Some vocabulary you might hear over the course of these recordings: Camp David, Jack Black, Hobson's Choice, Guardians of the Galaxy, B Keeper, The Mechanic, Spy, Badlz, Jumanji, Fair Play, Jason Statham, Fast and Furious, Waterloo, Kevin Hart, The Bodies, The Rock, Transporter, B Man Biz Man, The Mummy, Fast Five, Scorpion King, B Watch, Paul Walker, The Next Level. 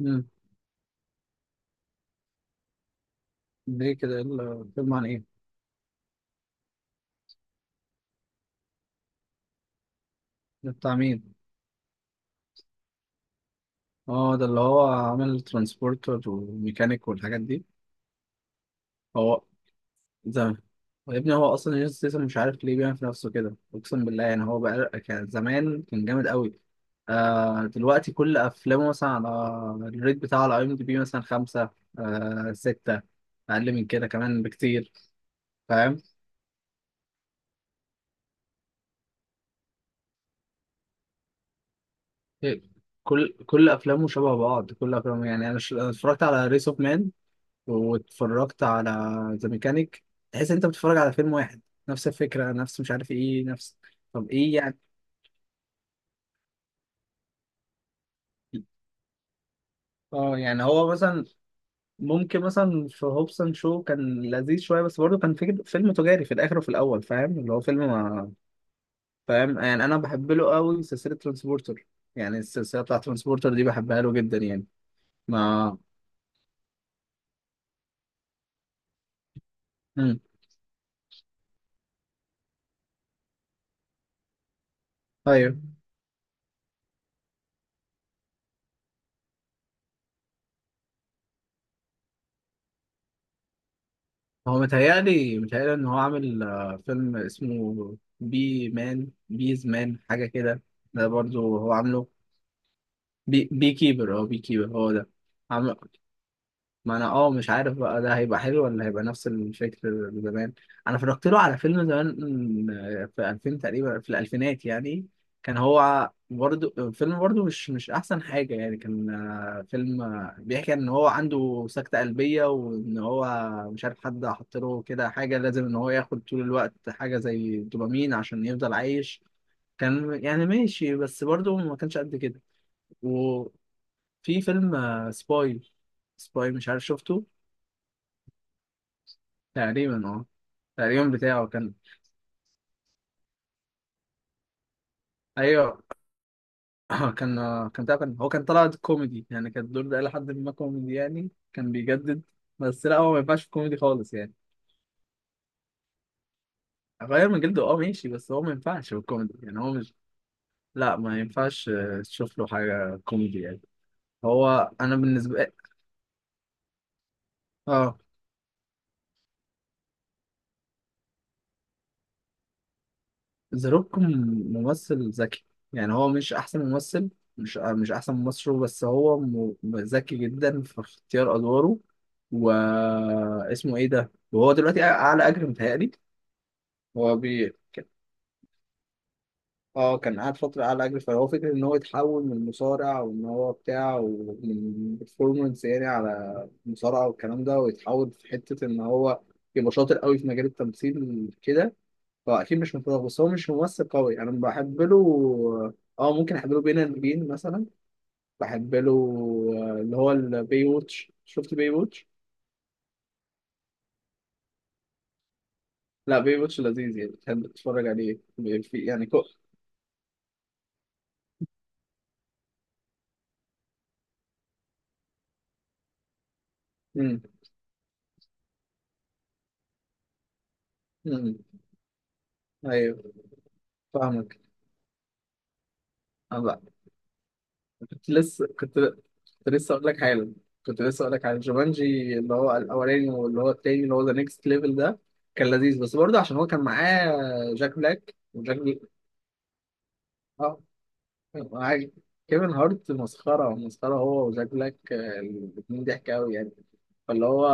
مم. ليه كده، إيه الفيلم عن ايه؟ ده بتاع مين؟ اه، ده اللي هو عامل ترانسبورتر وميكانيك والحاجات دي. هو زمان. يا ابني، هو اصلا جيسون ستاثام مش عارف ليه بيعمل في نفسه كده، اقسم بالله يعني. هو بقى كان زمان كان جامد قوي. دلوقتي كل افلامه مثلا على الريت بتاعه على اي ام دي بي مثلا خمسة، ستة، اقل من كده كمان بكتير. فاهم. كل افلامه شبه بعض، كل افلامه يعني. انا أنا اتفرجت على ريس اوف مان، واتفرجت على ذا ميكانيك. تحس ان انت بتتفرج على فيلم واحد، نفس الفكره، نفس مش عارف ايه، نفس. طب ايه يعني؟ اه يعني هو مثلا ممكن مثلا في هوبسون شو كان لذيذ شويه، بس برضه كان فكر فيلم تجاري في الاخر وفي الاول، فاهم، اللي هو فيلم ما. فاهم، يعني انا بحب له قوي سلسله ترانسبورتر. يعني السلسله بتاعت ترانسبورتر دي بحبها له جدا يعني. ما. امم هو متهيألي إن هو عامل فيلم اسمه بي مان بيز مان حاجة كده. ده برضو هو عامله. بي كيبر أو بي كيبر هو ده. ما انا مش عارف بقى ده هيبقى حلو ولا هيبقى نفس الفكر اللي زمان. انا اتفرجت له على فيلم زمان، في 2000 تقريبا، في الالفينات يعني. كان هو برضه فيلم، برضه مش احسن حاجه يعني. كان فيلم بيحكي ان هو عنده سكته قلبيه، وان هو مش عارف حد حط له كده حاجه لازم ان هو ياخد طول الوقت حاجه زي دوبامين عشان يفضل عايش. كان يعني ماشي، بس برضه ما كانش قد كده. وفي فيلم سباي. سباي، مش عارف شفته. تقريبا اه. تقريبا بتاعه كان. ايوه. كان بتاعه، كان هو كان طلع كوميدي يعني. كان الدور ده لحد ما كوميدي يعني، كان بيجدد. بس لا هو ما ينفعش في كوميدي خالص يعني. غير من جلده، اه، ماشي، بس هو ما ينفعش في الكوميدي يعني، هو مش. لا ما ينفعش تشوف له حاجة كوميدي يعني. هو انا بالنسبة. اه، ذا روك ممثل ذكي. يعني هو مش احسن ممثل، مش احسن ممثل، بس هو ذكي جدا في اختيار ادواره. واسمه ايه ده، وهو دلوقتي اعلى اجر متهيألي. هو اه، كان قاعد فترة على أجر، فهو فكرة إن هو يتحول من مصارع وإن هو بتاع ومن performance يعني على مصارعة والكلام ده، ويتحول في حتة إن هو يبقى شاطر قوي في مجال التمثيل كده. هو اكيد مش متفوق، بس هو مش ممثل قوي، انا بحب له. اه، ممكن احب له بين البين مثلا. بحب له اللي هو البي ووتش. شفت بي ووتش؟ لا، بي ووتش لذيذ يعني، بتحب تتفرج عليه في يعني امم امم ايوه، فاهمك. انا بقى كنت لسه كنت كنت لسه اقول لك حالا كنت لسه اقول لك على جومانجي، اللي هو الاولاني واللي هو التاني، اللي هو ذا نيكست ليفل ده. كان لذيذ، بس برضه عشان هو كان معاه جاك بلاك وجاك بلاك اه، معاك. كيفن هارت مسخرة مسخرة، هو وزاك بلاك، الاتنين ضحك أوي يعني. فاللي هو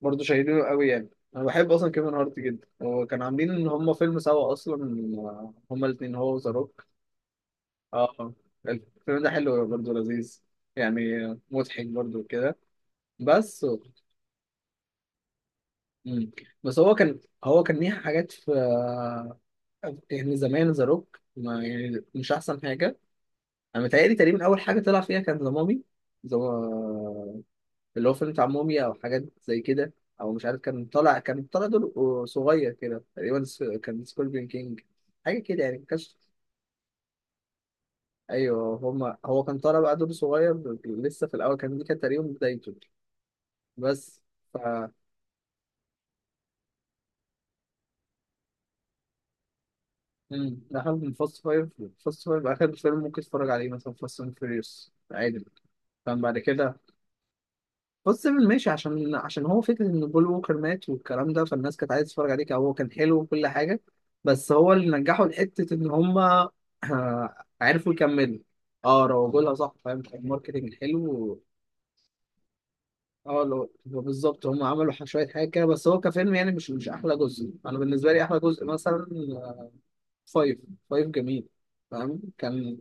برضه شايلينه أوي يعني. أنا بحب أصلا كيفن هارت جدا، وكانوا عاملين إن هما فيلم سوا أصلا، هما الاتنين هو وذا روك. اه، الفيلم ده حلو برضه، لذيذ يعني، مضحك برضه كده. بس مم. بس هو كان ليه حاجات في يعني زمان ذا روك ما يعني مش أحسن حاجة. أنا متهيألي تقريبا أول حاجة طلع فيها كان ذا مامي، ذا اللي هو فيلم بتاع موميا او حاجات زي كده، او مش عارف. كان طالع دور صغير كده تقريبا، كان سكوربين كينج حاجه كده يعني، ما كانش. ايوه هما، هو كان طالع بقى دور صغير لسه في الاول كان، دي كانت تقريبا بدايته. بس ف مم. ده حاجة من فاست فايف. فاست فايف اخر فيلم ممكن تتفرج عليه، مثلا فاست اند فيريوس عادي. فاهم؟ بعد كده بص، ماشي، عشان هو فكرة إن بول ووكر مات والكلام ده، فالناس كانت عايزة تتفرج عليك، هو كان حلو وكل حاجة. بس هو اللي نجحه لحتة إن هما عرفوا يكملوا. اه، روجوا لها صح، فاهم، كان ماركتنج حلو. اه لو هو بالظبط هما عملوا شوية حاجة كده، بس هو كفيلم يعني مش أحلى جزء. أنا بالنسبة لي أحلى جزء مثلا فايف. فايف جميل. فاهم كان.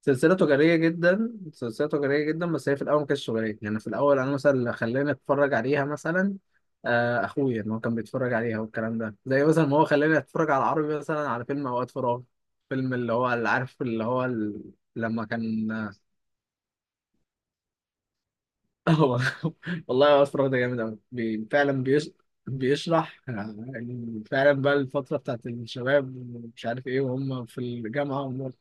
سلسلة تجارية جدا، سلسلة تجارية جدا، بس هي في الأول ما كانتش تجارية. يعني في الأول، أنا مثلا اللي خلاني أتفرج عليها مثلا أخويا، إن هو كان بيتفرج عليها والكلام ده، زي مثلا ما هو خلاني أتفرج على عربي مثلا على فيلم أوقات فراغ. فيلم اللي هو اللي عارف، اللي هو لما كان. هو، والله أوقات فراغ ده جامد أوي. بيشرح يعني فعلا بقى الفترة بتاعت الشباب، مش عارف إيه، وهم في الجامعة.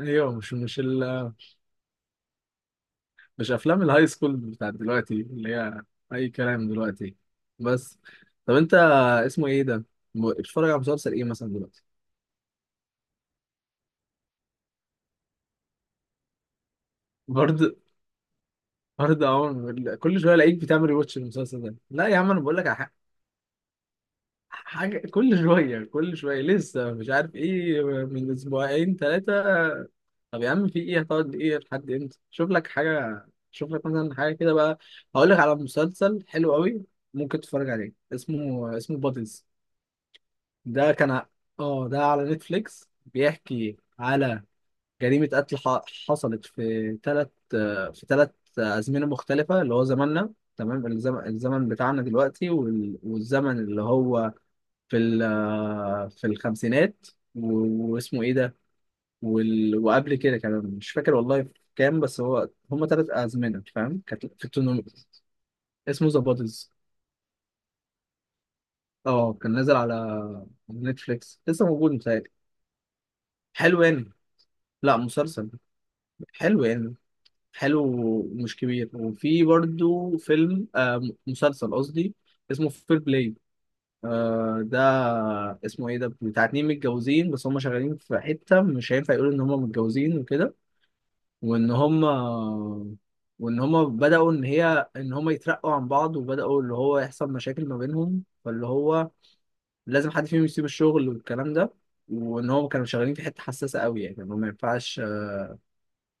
أيوه، مش مش افلام الهاي سكول بتاعت دلوقتي اللي هي اي كلام دلوقتي. بس. طب انت اسمه ايه ده، بتتفرج على مسلسل ايه مثلا دلوقتي؟ برضه. برضه عمر، كل شويه الاقيك بتعمل ريواتش المسلسل ده. لا يا عم، انا بقول لك على حاجه. كل شويه كل شويه، لسه مش عارف ايه، من اسبوعين ثلاثه. طب يا عم، في ايه؟ هتقعد ايه لحد امتى؟ شوف لك حاجه، شوف لك مثلا حاجه كده بقى. هقول لك على مسلسل حلو قوي، ممكن تتفرج عليه، اسمه بادلز. ده كان ع- اه، ده على نتفليكس، بيحكي على جريمة قتل حصلت في ثلاث، في ثلاث أزمنة مختلفة. اللي هو زماننا تمام، الزمن، بتاعنا دلوقتي، والزمن اللي هو في في الخمسينات، واسمه ايه ده، وقبل كده كمان، مش فاكر والله في كام. بس هو هما ثلاث أزمنة، فاهم، كانت في التونو. اسمه ذا بوديز. اه، كان نازل على نتفليكس، لسه موجود متهيألي. حلو يعني. لا، مسلسل. حلو يعني، حلو ومش كبير. وفي برضو فيلم مسلسل قصدي، اسمه فير بلاي. ده اسمه ايه ده، بتاع اتنين متجوزين، بس هم شغالين في حتة مش هينفع يقولوا ان هم متجوزين وكده. وان هم وان هم بدأوا، ان هم يترقوا عن بعض، وبدأوا اللي هو يحصل مشاكل ما بينهم، فاللي هو لازم حد فيهم يسيب الشغل والكلام ده. وان هم كانوا شغالين في حتة حساسة قوي، يعني إن هم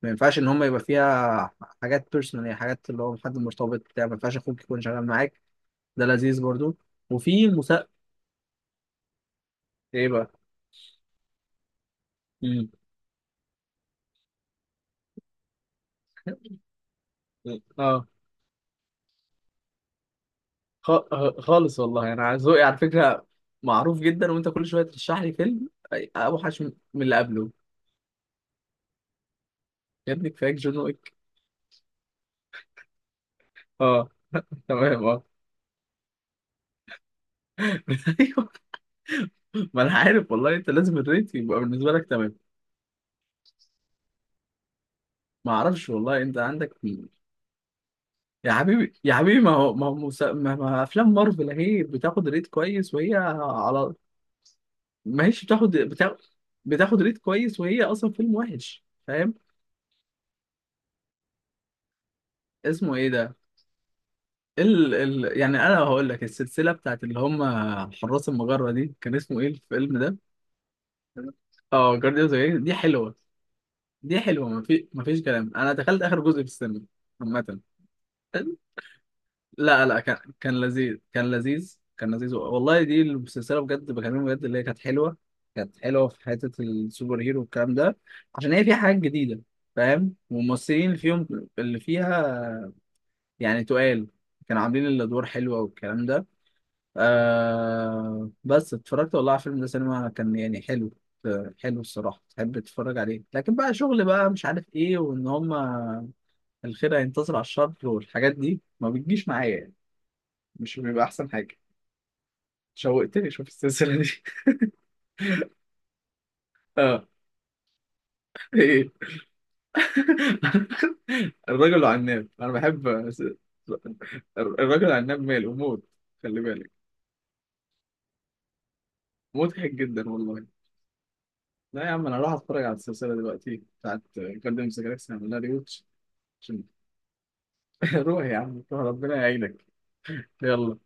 ما ينفعش ان هم يبقى فيها حاجات بيرسونال، يعني حاجات اللي هو حد مرتبط بتاع، ما ينفعش اخوك يكون شغال معاك. ده لذيذ برضو. وفي المسا ايه بقى؟ مم. اه، خ... آه، خالص والله. انا ذوقي على فكره معروف جدا، وانت كل شويه ترشح لي فيلم اوحش من اللي قبله. يا ابني، كفاية جون ويك. اه، تمام اه. ايوه. ما انا عارف والله، انت لازم الريت يبقى بالنسبه لك تمام. ما اعرفش والله، انت عندك. يا حبيبي يا حبيبي، ما هو ما هو مس- ما ما افلام مارفل اهي بتاخد ريت كويس وهي على. ما هيش بتاخد ريت كويس، وهي اصلا فيلم وحش، فاهم. اسمه ايه ده، يعني انا هقول لك السلسله بتاعت اللي هم حراس المجره دي، كان اسمه ايه الفيلم ده؟ اه، جارديانز. دي حلوه. دي حلوه، ما فيش كلام، انا دخلت اخر جزء في السينما عامه. لا لا، كان لذيذ، كان لذيذ، كان لذيذ والله. دي السلسله بجد بكلمك، بجد اللي هي كانت حلوه. كانت حلوه في حته السوبر هيرو والكلام ده، عشان هي فيها حاجات جديده، فاهم، والممثلين اللي فيهم اللي فيها، يعني تقال كانوا عاملين الادوار حلوه والكلام ده. بس اتفرجت والله على الفيلم ده سينما، كان يعني حلو، حلو الصراحه، تحب تتفرج عليه. لكن بقى شغل بقى مش عارف ايه، وان هما الخير هينتصر على الشر والحاجات دي ما بتجيش معايا يعني. مش بيبقى احسن حاجه. شوقتني اشوف السلسله دي. اه. ايه؟ الرجل عناب، انا بحب الرجل عناب ماله موت. خلي بالك، مضحك جدا والله. لا يا عم، انا راح اتفرج على السلسله دلوقتي بتاعت جاردن جالاكسي، هعمل لها ريوتش عشان. روح يا عم روح، ربنا يعينك. يلا.